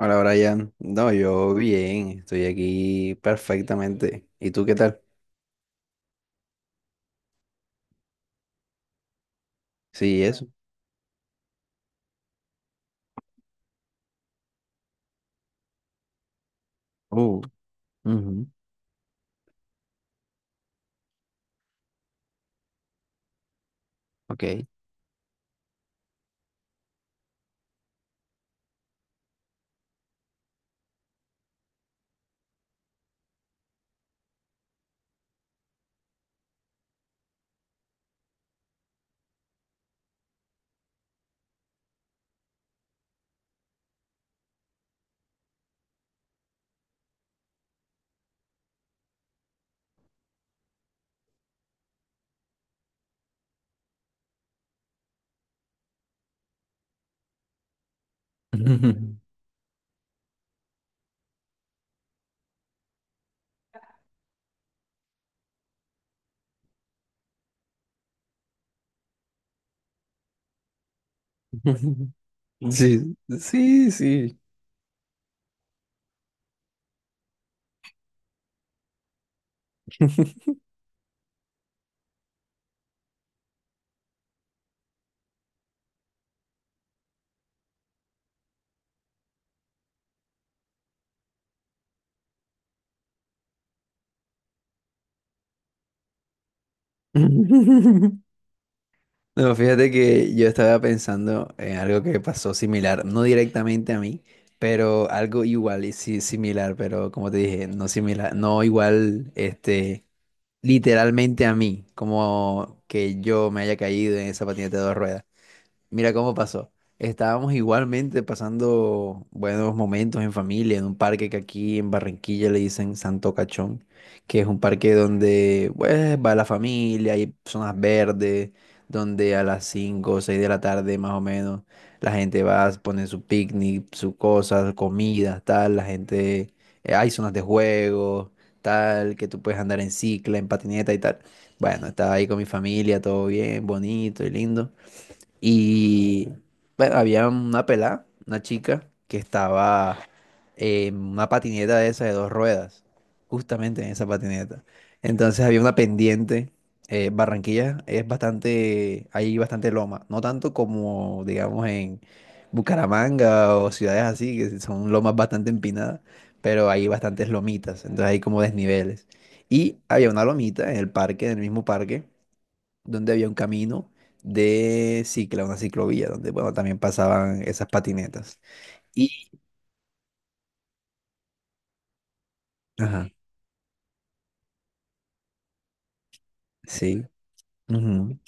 Hola Brian, no, yo bien, estoy aquí perfectamente. ¿Y tú qué tal? Sí, eso. Oh, ujú, ok. Sí, sí, sí. No, fíjate que yo estaba pensando en algo que pasó similar, no directamente a mí, pero algo igual y sí, similar, pero como te dije, no similar, no igual, literalmente a mí, como que yo me haya caído en esa patineta de dos ruedas. Mira cómo pasó. Estábamos igualmente pasando buenos momentos en familia en un parque que aquí en Barranquilla le dicen Santo Cachón, que es un parque donde pues, va la familia, hay zonas verdes, donde a las 5, o 6 de la tarde más o menos la gente va, pone su picnic, sus cosas, comida, tal, la gente, hay zonas de juego, tal, que tú puedes andar en cicla, en patineta y tal. Bueno, estaba ahí con mi familia, todo bien, bonito y lindo. Y bueno, había una pelada, una chica, que estaba en una patineta de esas de dos ruedas, justamente en esa patineta. Entonces había una pendiente. Barranquilla es bastante, hay bastante loma, no tanto como, digamos, en Bucaramanga o ciudades así, que son lomas bastante empinadas, pero hay bastantes lomitas, entonces hay como desniveles. Y había una lomita en el parque, en el mismo parque donde había un camino de cicla, una ciclovía, donde, bueno, también pasaban esas patinetas. Y, ajá, sí, ujú,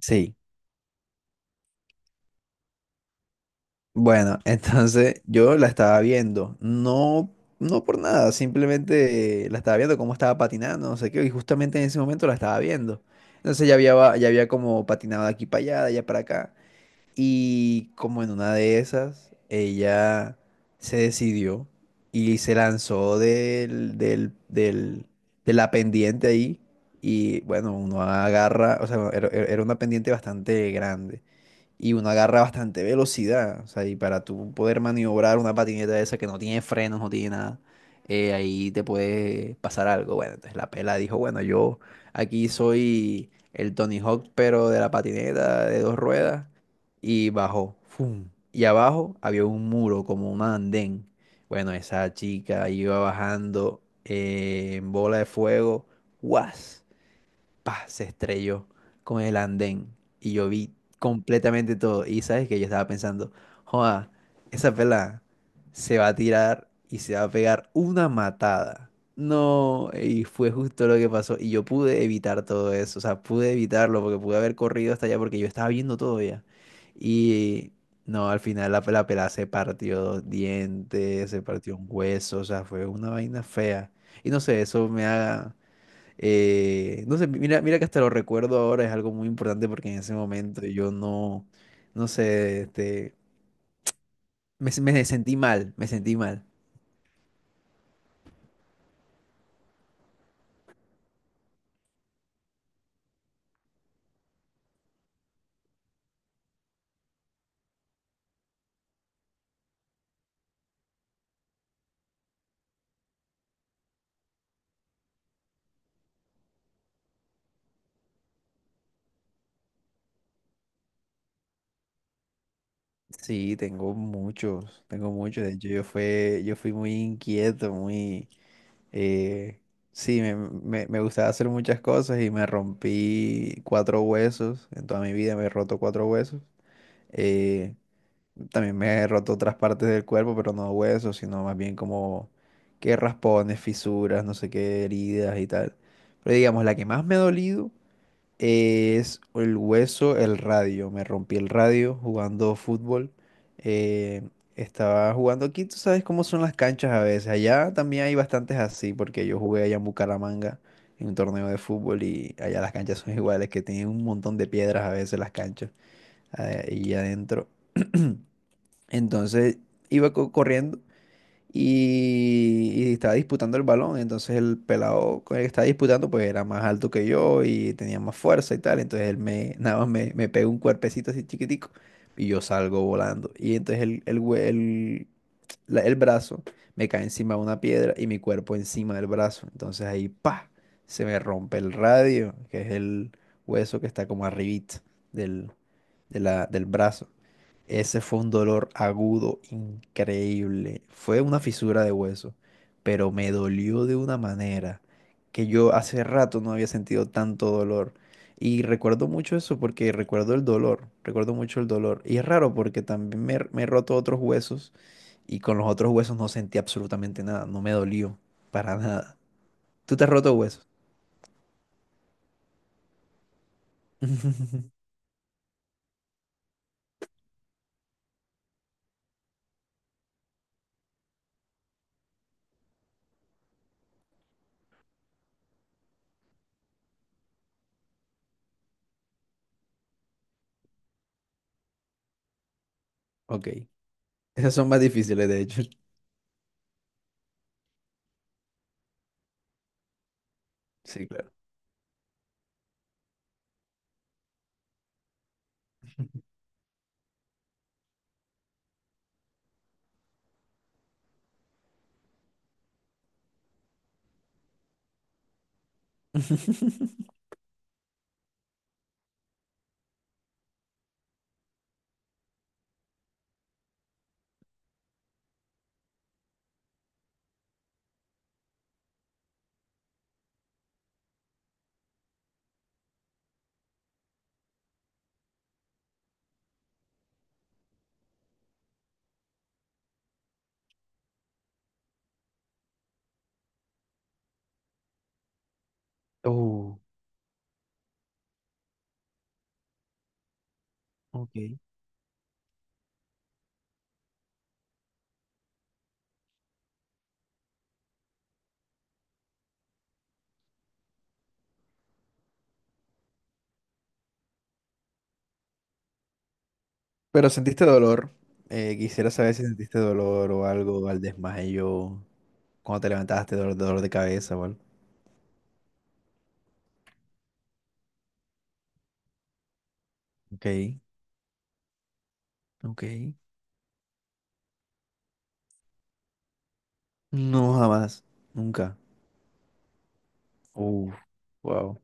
sí. Bueno, entonces yo la estaba viendo, no, no por nada, simplemente la estaba viendo cómo estaba patinando, no sé qué, y justamente en ese momento la estaba viendo. Entonces ya había como patinado de aquí para allá, de allá para acá. Y como en una de esas, ella se decidió y se lanzó de la pendiente ahí. Y bueno, uno agarra, o sea, era una pendiente bastante grande y uno agarra bastante velocidad. O sea, y para tú poder maniobrar una patineta de esa que no tiene frenos, no tiene nada, ahí te puede pasar algo. Bueno, entonces la pela dijo, bueno, yo aquí soy el Tony Hawk, pero de la patineta de dos ruedas. Y bajó. ¡Fum! Y abajo había un muro, como un andén. Bueno, esa chica iba bajando en bola de fuego. ¡Guas! Pa, se estrelló con el andén y yo vi completamente todo. Y sabes que yo estaba pensando, joda, esa pelada se va a tirar y se va a pegar una matada. No, y fue justo lo que pasó. Y yo pude evitar todo eso, o sea, pude evitarlo porque pude haber corrido hasta allá porque yo estaba viendo todo ya. Y no, al final la pelada se partió dos dientes, se partió un hueso, o sea, fue una vaina fea. Y no sé, eso me haga no sé, mira, mira que hasta lo recuerdo ahora, es algo muy importante porque en ese momento yo no, no sé, me sentí mal, me sentí mal. Sí, tengo muchos, tengo muchos. De hecho, yo fui muy inquieto, muy, eh, sí, me gustaba hacer muchas cosas y me rompí cuatro huesos. En toda mi vida me he roto cuatro huesos. Eh, También me he roto otras partes del cuerpo, pero no huesos, sino más bien como que raspones, fisuras, no sé qué, heridas y tal. Pero digamos, la que más me ha dolido es el hueso, el radio. Me rompí el radio jugando fútbol. Eh, estaba jugando aquí, tú sabes cómo son las canchas a veces. Allá también hay bastantes así, porque yo jugué allá en Bucaramanga en un torneo de fútbol y allá las canchas son iguales, que tienen un montón de piedras a veces las canchas y adentro. Entonces iba corriendo y estaba disputando el balón. Entonces el pelado con el que estaba disputando pues era más alto que yo y tenía más fuerza y tal. Entonces nada más me pega un cuerpecito así chiquitico y yo salgo volando. Y entonces el, hue- el, la- el brazo me cae encima de una piedra y mi cuerpo encima del brazo. Entonces ahí pa, se me rompe el radio, que es el hueso que está como arribita del, del brazo. Ese fue un dolor agudo, increíble. Fue una fisura de hueso, pero me dolió de una manera que yo hace rato no había sentido tanto dolor. Y recuerdo mucho eso porque recuerdo el dolor, recuerdo mucho el dolor. Y es raro porque también me he roto otros huesos y con los otros huesos no sentí absolutamente nada, no me dolió para nada. ¿Tú te has roto huesos? Ok. Esas son más difíciles, de hecho. Sí, claro. Oh, ok. Pero sentiste dolor. Quisiera saber si sentiste dolor o algo al desmayo, cuando te levantaste, dolor, dolor de cabeza o algo. Ok, ok. No, jamás. Nunca. Uf, wow.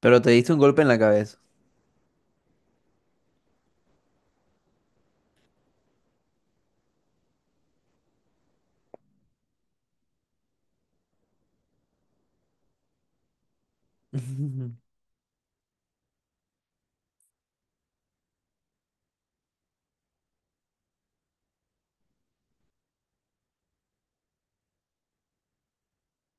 Pero te diste un golpe en la cabeza.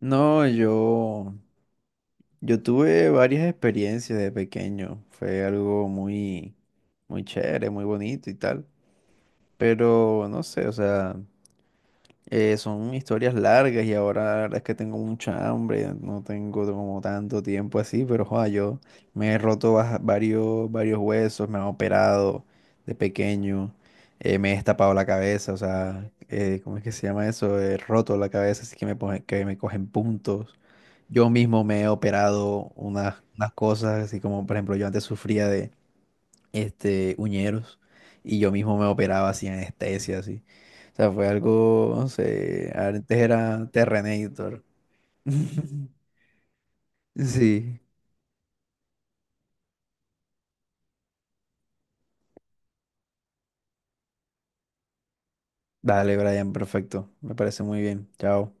No, yo tuve varias experiencias de pequeño. Fue algo muy, muy chévere, muy bonito y tal. Pero no sé, o sea. Son historias largas y ahora la verdad es que tengo mucha hambre, no tengo como tanto tiempo así, pero joda, yo me he roto varios huesos, me han operado de pequeño, me he destapado la cabeza, o sea, ¿cómo es que se llama eso? He roto la cabeza, así que que me cogen puntos. Yo mismo me he operado unas cosas, así como por ejemplo yo antes sufría uñeros, y yo mismo me operaba así anestesia, así. O sea, fue algo, no sé, antes era Terrenator. Sí, dale, Brian, perfecto, me parece muy bien, chao.